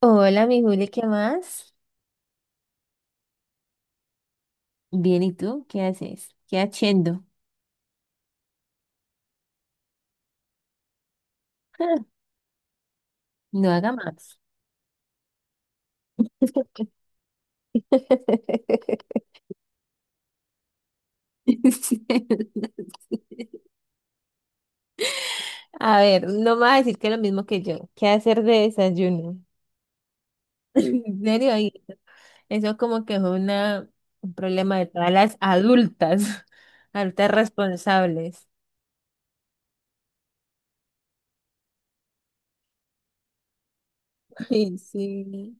Hola, mi Juli, ¿qué más? Bien, ¿y tú qué haces? ¿Qué haciendo? No haga más. A ver, no me vas a decir que es lo mismo que yo. ¿Qué hacer de desayuno? En serio, y eso como que fue una, un problema de todas las adultas, adultas responsables. Ay, sí.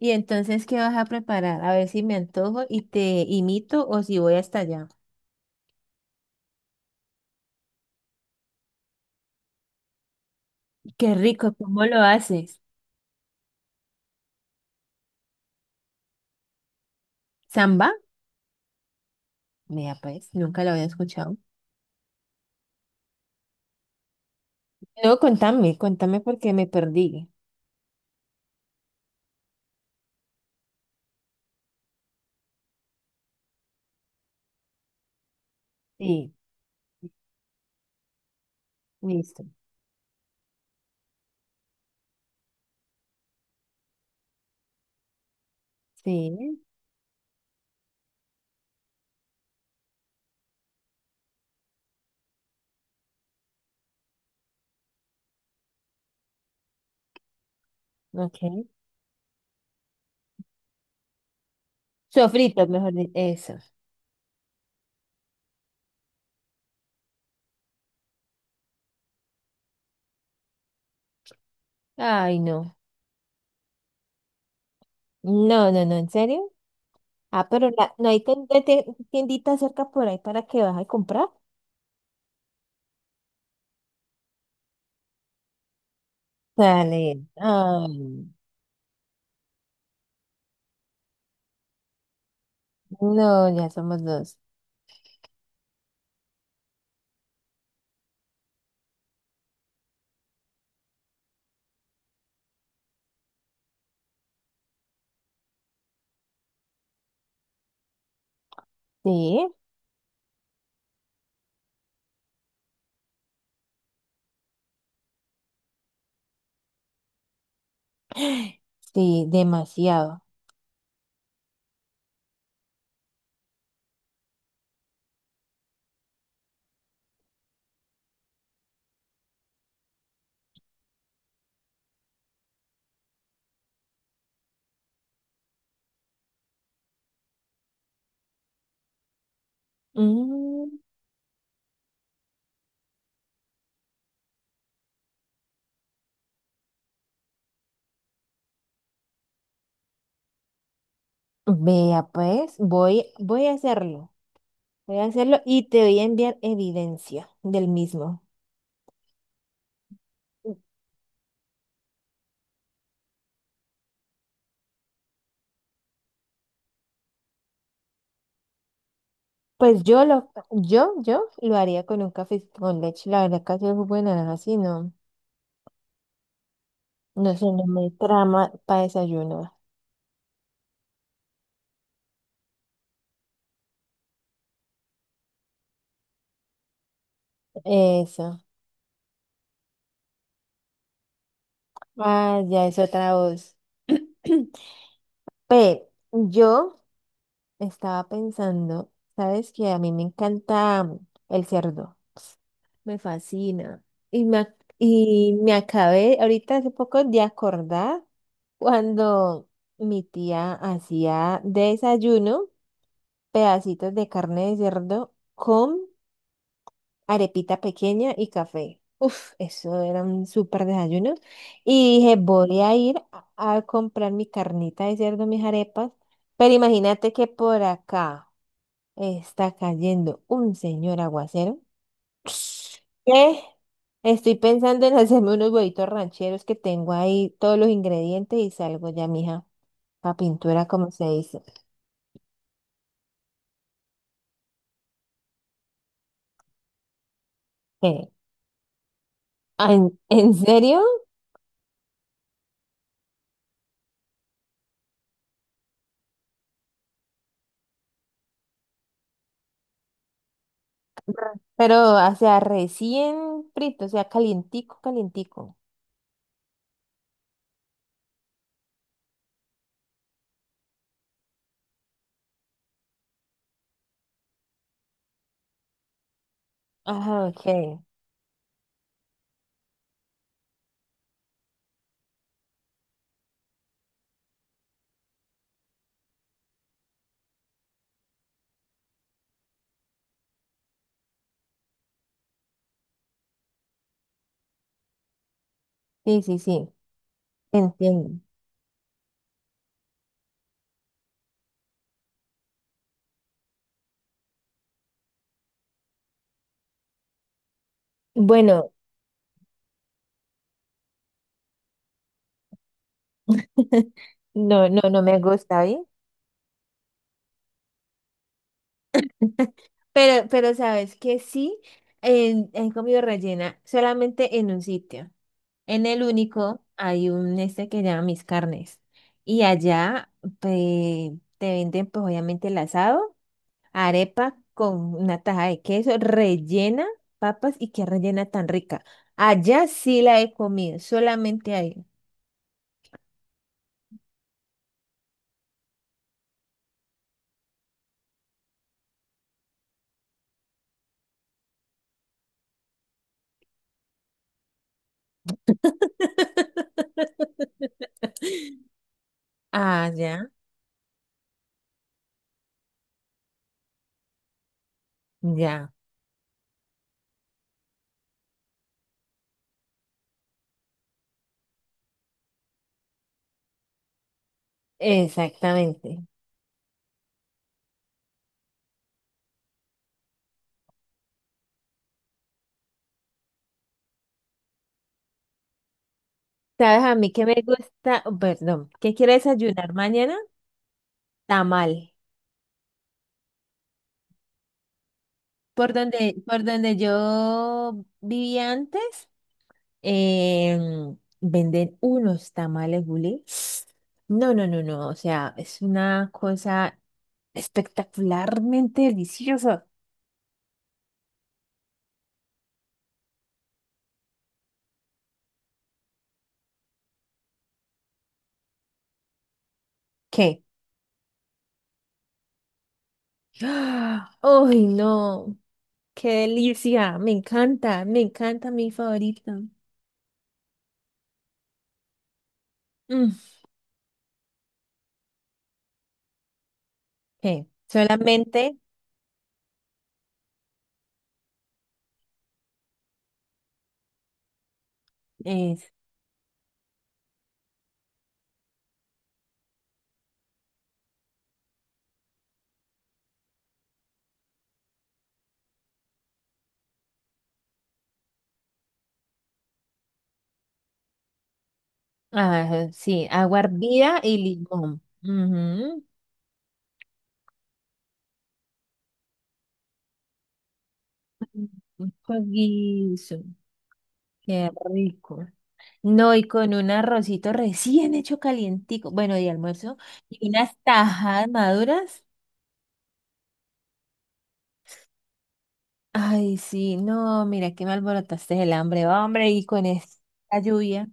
Y entonces, ¿qué vas a preparar? A ver si me antojo y te imito o si voy hasta allá. Qué rico, ¿cómo lo haces? Samba. Mira, pues, nunca lo había escuchado. No, contame, contame porque me perdí. Sí, listo. Sí, ok. Sofrito, mejor dicho, eso. Ay, no. No, no, no, ¿en serio? Ah, pero la- no hay ten- te- tiendita cerca por ahí para que vas a comprar. Dale. Ay, no, ya somos dos. Sí, sí, demasiado. Mm, vea, pues, voy a hacerlo. Voy a hacerlo y te voy a enviar evidencia del mismo. Pues yo lo haría con un café con leche. La verdad, casi es buena, así no. No sé, no me trama para desayuno. Eso. Ah, ya es otra voz. Pero yo estaba pensando, sabes que a mí me encanta el cerdo. Me fascina. Y me acabé ahorita hace poco de acordar cuando mi tía hacía desayuno. Pedacitos de carne de cerdo con arepita pequeña y café. Uf, eso era un súper desayuno. Y dije, voy a a comprar mi carnita de cerdo, mis arepas. Pero imagínate que por acá está cayendo un señor aguacero. que Estoy pensando en hacerme unos huevitos rancheros que tengo ahí todos los ingredientes y salgo ya, mija, a pintura, como se dice. ¿Qué? En serio? Pero, o sea, recién frito, o sea, calientico, calientico. Ajá, ok. Sí, sí, sí, entiendo. Bueno, no, no, no me gusta, ¿bien? Pero sabes que sí, en comida rellena, solamente en un sitio. En el único hay un este que llama Mis Carnes. Y allá te venden, pues, obviamente el asado. Arepa con una taja de queso rellena, papas y qué rellena tan rica. Allá sí la he comido, solamente ahí. Allá, ya, ya, exactamente. ¿Sabes a mí que me gusta? Oh, perdón, ¿qué quiero desayunar mañana? Tamal. Por donde yo vivía antes, venden unos tamales bulé. No, no, no, no. O sea, es una cosa espectacularmente deliciosa. ¿Qué? ¡Ah! ¡Ay, no! ¡Qué delicia! Me encanta mi favorito. Mm. ¿Qué? Solamente es, ah, sí, agua hervida y limón. Ujú. Un juguito. Qué rico. No, y con un arrocito recién hecho calientico, bueno, de almuerzo, y unas tajadas maduras. Ay, sí, no, mira que me alborotaste el hambre, hombre, y con esta lluvia.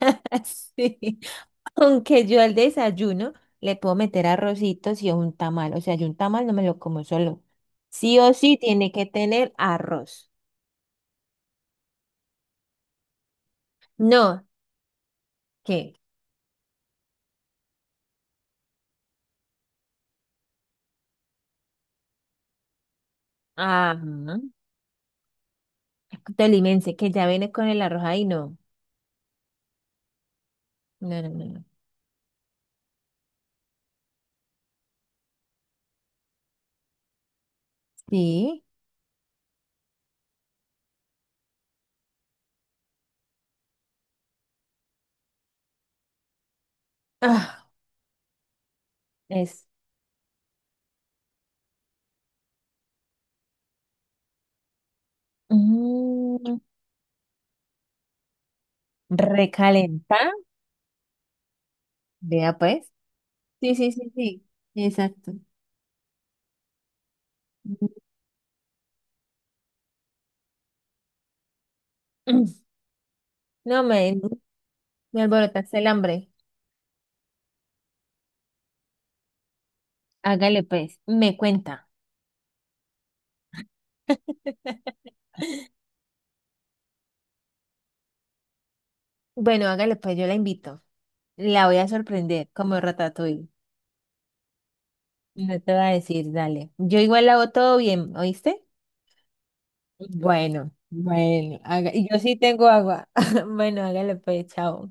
Sí, aunque yo al desayuno le puedo meter arrocitos y un tamal, o sea, yo un tamal no me lo como solo. Sí o sí tiene que tener arroz. No, qué ah, tolimense, que ya viene con el arroz ahí, no. No, no, no, no. Sí. Ah, es mm, recalentar, vea pues. Sí, sí, sí, sí. Exacto. Mm. No me, me alborotaste el hambre. Hágale pues, me cuenta. Bueno, hágale pues, yo la invito. La voy a sorprender como Ratatouille. No te va a decir, dale. Yo igual la hago todo bien, ¿oíste? Bueno, bueno, y yo sí tengo agua. Bueno, hágale pues, chao.